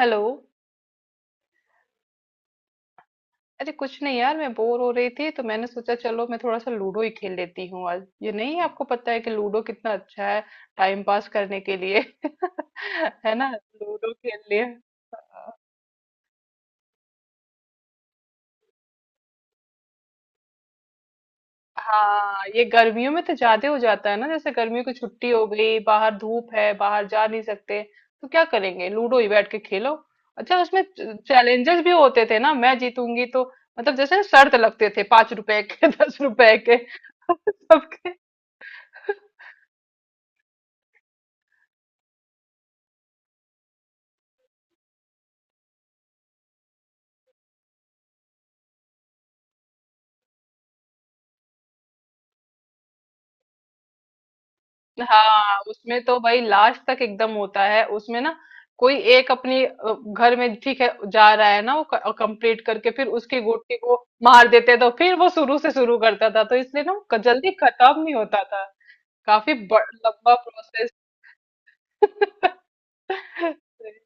Hello. अरे कुछ नहीं यार मैं बोर हो रही थी तो मैंने सोचा चलो मैं थोड़ा सा लूडो ही खेल लेती हूँ। आज ये नहीं है आपको पता है कि लूडो कितना अच्छा है टाइम पास करने के लिए। है ना लूडो खेल लिए। हाँ ये गर्मियों में तो ज्यादा हो जाता है ना, जैसे गर्मियों की छुट्टी हो गई, बाहर धूप है, बाहर जा नहीं सकते तो क्या करेंगे, लूडो ही बैठ के खेलो। अच्छा उसमें चैलेंजेस भी होते थे ना, मैं जीतूंगी तो मतलब जैसे ना शर्त लगते थे, 5 रुपए के 10 रुपए के सबके। हाँ उसमें तो भाई लास्ट तक एकदम होता है उसमें ना, कोई एक अपनी घर में ठीक है जा रहा है ना, वो कंप्लीट करके फिर उसकी गोटी को मार देते तो फिर वो शुरू से शुरू करता था, तो इसलिए ना वो जल्दी खत्म नहीं होता था। काफी लंबा प्रोसेस।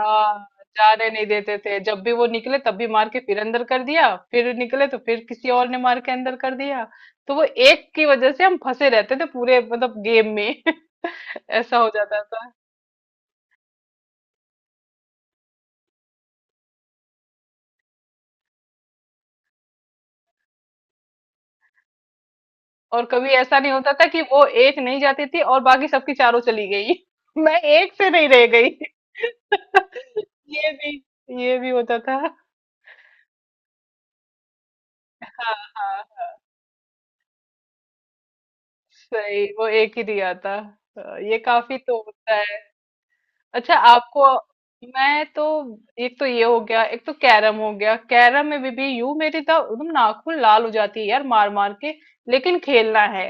हाँ, जाने नहीं देते थे, जब भी वो निकले तब भी मार के फिर अंदर कर दिया, फिर निकले तो फिर किसी और ने मार के अंदर कर दिया। तो वो एक की वजह से हम फंसे रहते थे पूरे मतलब गेम में, ऐसा हो जाता था। और कभी ऐसा नहीं होता था कि वो एक नहीं जाती थी और बाकी सबकी चारों चली गई। मैं एक से नहीं रह गई। ये भी ये भी होता था। हाँ हाँ, सही, वो एक ही दिया था। ये काफी तो होता है। अच्छा आपको, मैं तो एक तो ये हो गया, एक तो कैरम हो गया। कैरम में भी यू मेरी तो एकदम नाखून लाल हो जाती है यार, मार मार के, लेकिन खेलना है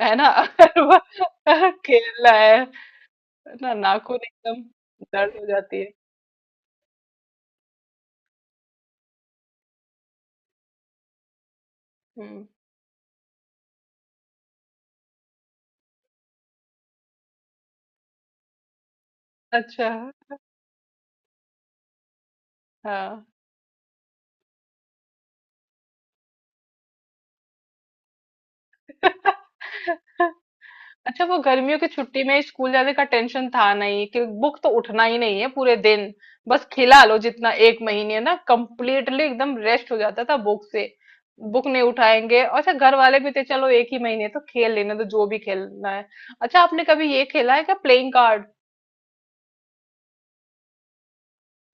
है ना। खेलना है ना, नाख़ून एकदम दर्द हो जाती है। हुँ, अच्छा, हाँ। अच्छा वो गर्मियों की छुट्टी में स्कूल जाने का टेंशन था नहीं कि बुक तो उठना ही नहीं है पूरे दिन, बस खिला लो जितना। 1 महीने ना कंप्लीटली एकदम रेस्ट हो जाता था बुक से। बुक नहीं उठाएँगे, अच्छा घर वाले भी थे, चलो 1 ही महीने तो खेल लेने दो जो भी खेलना है। अच्छा आपने कभी ये खेला है क्या, प्लेइंग कार्ड?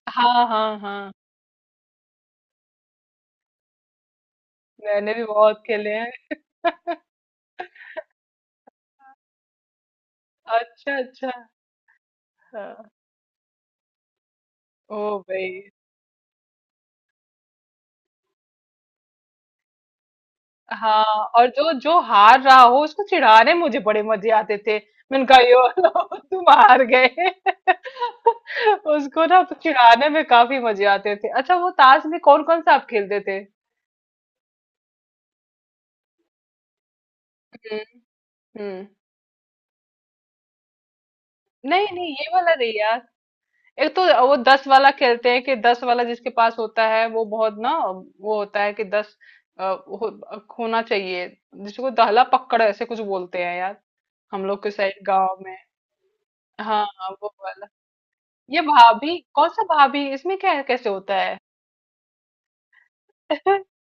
हाँ, हाँ, हाँ। मैंने भी बहुत खेले हैं। अच्छा, अच्छा। हाँ, ओह भाई! हाँ, और जो जो हार रहा हो उसको चिढ़ाने में मुझे बड़े मजे आते थे। मैंने कहा, यो लो, तुम हार गए। उसको ना तो चिढ़ाने में काफी मजे आते थे। अच्छा वो ताश में कौन कौन सा आप खेलते थे? हम्म हम्म। नहीं नहीं ये वाला नहीं यार। एक तो वो दस वाला खेलते हैं, कि दस वाला जिसके पास होता है वो बहुत, ना वो होता है कि दस हो, होना चाहिए, जिसको दहला पकड़ ऐसे कुछ बोलते हैं यार, हम लोग के साइड गांव में। हाँ हाँ, वो वाला। ये भाभी, कौन सा भाभी, इसमें क्या कैसे होता है?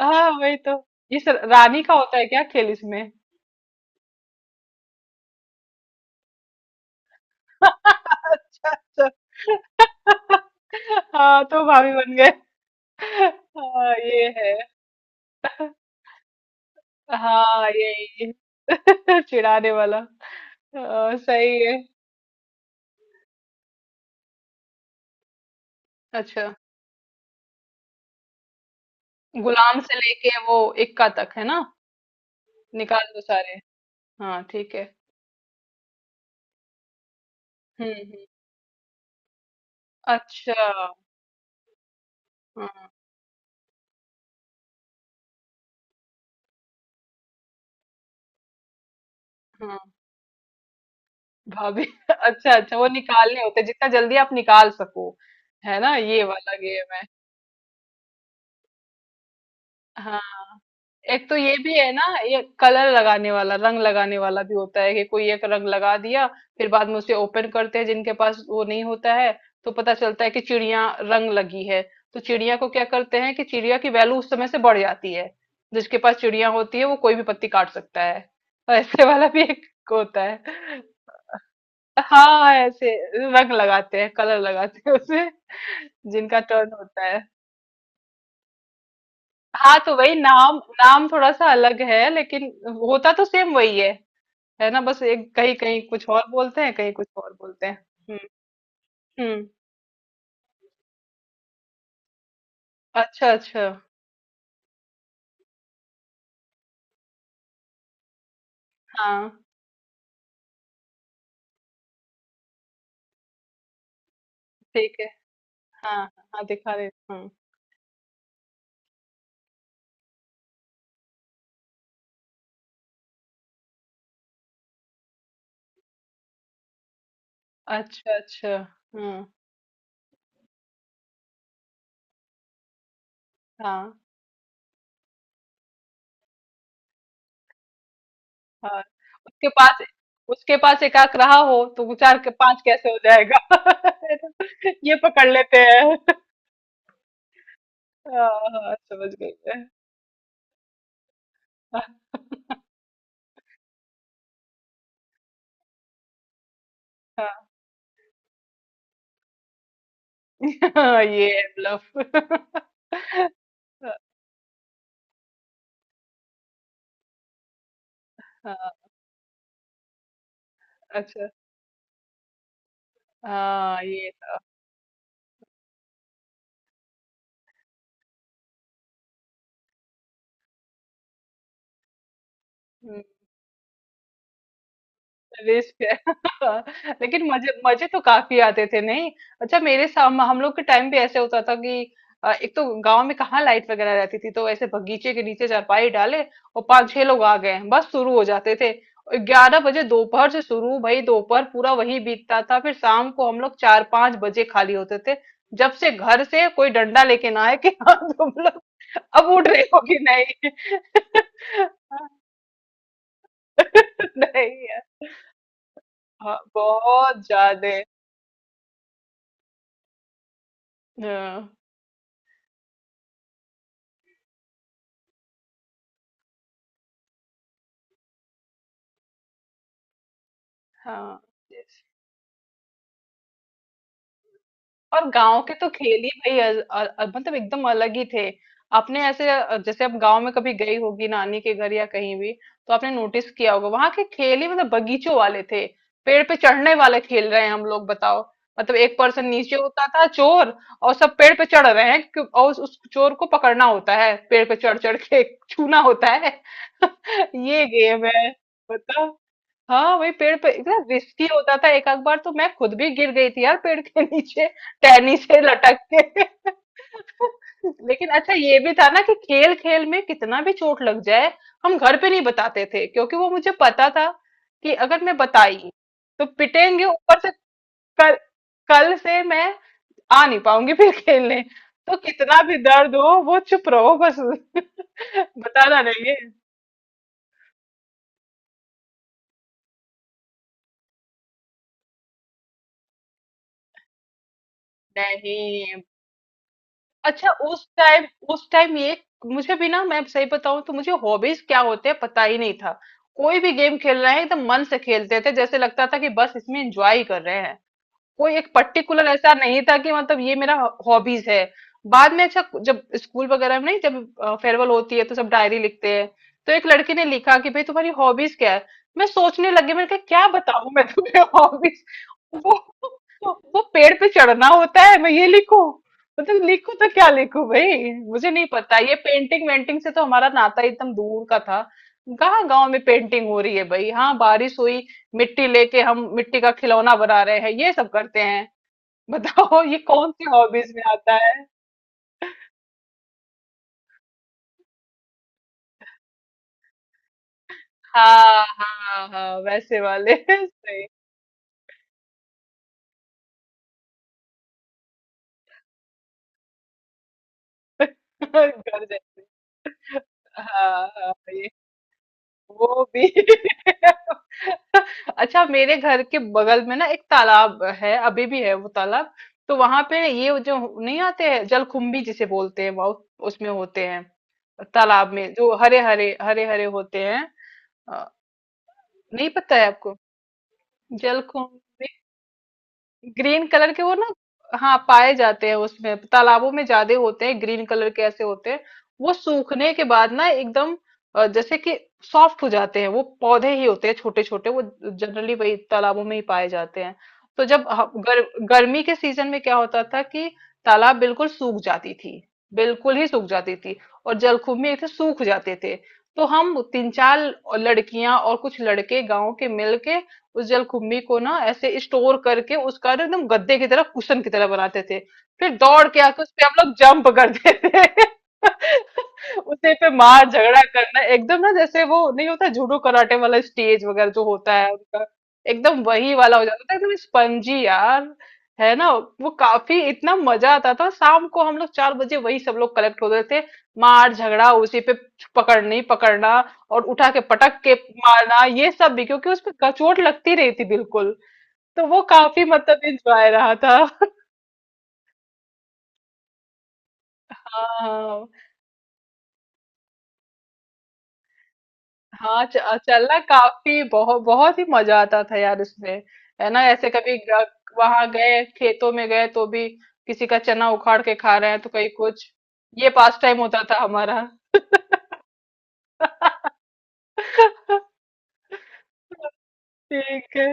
हाँ वही तो, इस रानी का होता है क्या खेल इसमें? अच्छा अच्छा। हाँ तो भाभी बन गए। हाँ ये है, हाँ ये ये। चिढ़ाने वाला, हाँ, सही है। अच्छा, गुलाम से लेके वो इक्का तक, है ना, निकाल दो सारे। हाँ ठीक है। हम्म हम्म। अच्छा। हाँ, हाँ, भाभी। अच्छा अच्छा, वो निकालने होते हैं, जितना जल्दी आप निकाल सको, है ना, ये वाला गेम है। हाँ, एक तो ये भी है ना, ये कलर लगाने वाला, रंग लगाने वाला भी होता है कि कोई एक रंग लगा दिया, फिर बाद में उसे ओपन करते हैं जिनके पास वो नहीं होता है, तो पता चलता है कि चिड़िया रंग लगी है। तो चिड़िया को क्या करते हैं कि चिड़िया की वैल्यू उस समय से बढ़ जाती है। जिसके पास चिड़िया होती है वो कोई भी पत्ती काट सकता है। और ऐसे वाला भी एक होता है। हाँ, ऐसे रंग लगाते हैं, कलर लगाते हैं उसे, जिनका टर्न होता है। हाँ, तो वही नाम नाम थोड़ा-सा अलग है, लेकिन होता तो सेम वही है ना? बस एक कहीं-कहीं कुछ और बोलते हैं, कहीं कुछ और बोलते हैं। हुँ, हुँ। अच्छा, अच्छा। हाँ, ठीक है। हाँ, हाँ, हाँ, दिखा रहे हुँ। अच्छा, अच्छा। हुँ, हाँ, हाँ। उसके पास उसके पास 1 आंख रहा हो तो 4 के 5 कैसे हो जाएगा? है ना? ये पकड़ लेते हैं। हाँ हाँ, समझ गई मैं। हाँ। हाँ, ये है ब्लफ। हाँ। अच्छा। हाँ ये, हम्म, रिस्क है। लेकिन मजे मजे तो काफी आते थे, नहीं? अच्छा मेरे साम हम लोग के टाइम भी ऐसे होता था कि एक तो गांव में कहाँ लाइट वगैरह रहती थी, तो ऐसे बगीचे के नीचे चारपाई डाले और पांच छह लोग आ गए, बस शुरू हो जाते थे। और 11 बजे दोपहर से शुरू, भाई दोपहर पूरा वही बीतता था, फिर शाम को हम लोग 4 5 बजे खाली होते थे, जब से घर से कोई डंडा लेके ना आए कि हाँ तुम लोग अब उठ रहे हो कि नहीं। नहीं यार, हाँ, बहुत ज्यादा। हाँ हाँ, yes. और गांव के तो खेल ही भाई मतलब एकदम अलग ही थे। आपने ऐसे, जैसे आप गांव में कभी गई होगी नानी के घर या कहीं भी, तो आपने नोटिस किया होगा वहां के खेल ही मतलब बगीचों वाले थे। पेड़ पे चढ़ने वाले खेल रहे हैं हम लोग, बताओ। मतलब एक पर्सन नीचे होता था, चोर, और सब पेड़ पे चढ़ रहे हैं और उस चोर को पकड़ना होता है पेड़ पे चढ़ चढ़ के, छूना होता है। ये गेम है, बताओ। हाँ वही पेड़ पे, इतना रिस्की होता था, एक आध बार तो मैं खुद भी गिर गई थी यार पेड़ के नीचे, टहनी से लटक के। लेकिन अच्छा ये भी था ना कि खेल खेल में कितना भी चोट लग जाए हम घर पे नहीं बताते थे, क्योंकि वो मुझे पता था कि अगर मैं बताई तो पिटेंगे ऊपर से, कल, कल से मैं आ नहीं पाऊंगी फिर खेलने, तो कितना भी दर्द हो वो चुप रहो बस, बताना नहीं है। नहीं, अच्छा उस टाइम, उस टाइम ये मुझे भी ना, मैं सही बताऊं तो, मुझे हॉबीज क्या होते हैं पता ही नहीं था। कोई भी गेम खेल रहे हैं एकदम मन से खेलते थे, जैसे लगता था कि बस इसमें एंजॉय ही कर रहे हैं। कोई एक पर्टिकुलर ऐसा नहीं था कि मतलब ये मेरा हॉबीज है। बाद में, अच्छा जब स्कूल वगैरह में, नहीं जब फेयरवेल होती है तो सब डायरी लिखते हैं, तो एक लड़की ने लिखा कि भाई तुम्हारी हॉबीज क्या है। मैं सोचने लगी, मैंने कहा क्या बताऊं मैं तुम्हें हॉबीज, वो वो पेड़ पे चढ़ना होता है मैं ये लिखूं, मतलब लिखूं तो क्या लिखूं भाई, मुझे नहीं पता। ये पेंटिंग वेंटिंग से तो हमारा नाता ही एकदम दूर का था, कहाँ गांव में पेंटिंग हो रही है भाई। हाँ बारिश हुई, मिट्टी लेके हम मिट्टी का खिलौना बना रहे हैं, ये सब करते हैं, बताओ ये कौन सी हॉबीज में आता है। हाँ हाँ हाँ वैसे वाले। सही। घर जैसे, हाँ हाँ ये, वो भी। अच्छा मेरे घर के बगल में ना एक तालाब है, अभी भी है वो तालाब। तो वहां पे ये जो, नहीं आते हैं, जलकुंभी जिसे बोलते हैं बहुत, उसमें होते हैं, तालाब में जो हरे हरे हरे हरे होते हैं, अ, नहीं पता है आपको, जलकुंभी, ग्रीन कलर के वो ना। हाँ पाए जाते हैं, उसमें तालाबों में ज्यादा होते हैं, ग्रीन कलर के ऐसे होते हैं। वो सूखने के बाद ना एकदम जैसे कि सॉफ्ट हो जाते हैं, वो पौधे ही होते हैं छोटे छोटे वो, जनरली वही तालाबों में ही पाए जाते हैं। तो जब गर्मी के सीजन में क्या होता था कि तालाब बिल्कुल सूख जाती थी, बिल्कुल ही सूख जाती थी, और जलकुंभी थे सूख जाते थे। तो हम तीन चार लड़कियां और कुछ लड़के गांव के मिलके उस जलकुंभी को ना ऐसे स्टोर करके उसका ना एकदम गद्दे की तरह, कुशन की तरह बनाते थे, फिर दौड़ के आके उस पे हम लोग जंप करते थे। उसे पे मार झगड़ा करना एकदम, ना जैसे वो नहीं होता जूडो कराटे वाला स्टेज वगैरह जो होता है उनका, एकदम वही वाला हो जाता था, एकदम स्पंजी यार, है ना। वो काफी, इतना मजा आता था, शाम को हम लोग 4 बजे वही सब लोग कलेक्ट होते थे, मार झगड़ा उसी पे, पकड़नी पकड़ना और उठा के पटक के मारना ये सब भी, क्योंकि उसमें चोट लगती रही थी बिल्कुल, तो वो काफी मतलब इंजॉय रहा था। हाँ हाँ, चलना, काफी बहुत बहुत ही मजा आता था यार उसमें, है ना, ऐसे कभी वहां गए खेतों में गए तो भी, किसी का चना उखाड़ के खा रहे हैं तो कहीं कुछ, ये पास टाइम होता था हमारा। ठीक है।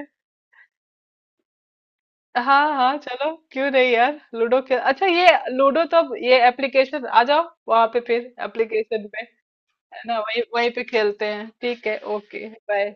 हाँ हाँ चलो, क्यों नहीं यार, लूडो खेल, अच्छा ये लूडो, तो अब ये एप्लीकेशन, आ जाओ वहां पे, फिर एप्लीकेशन, है ना वही वहीं पे खेलते हैं, ठीक है, ओके, बाय।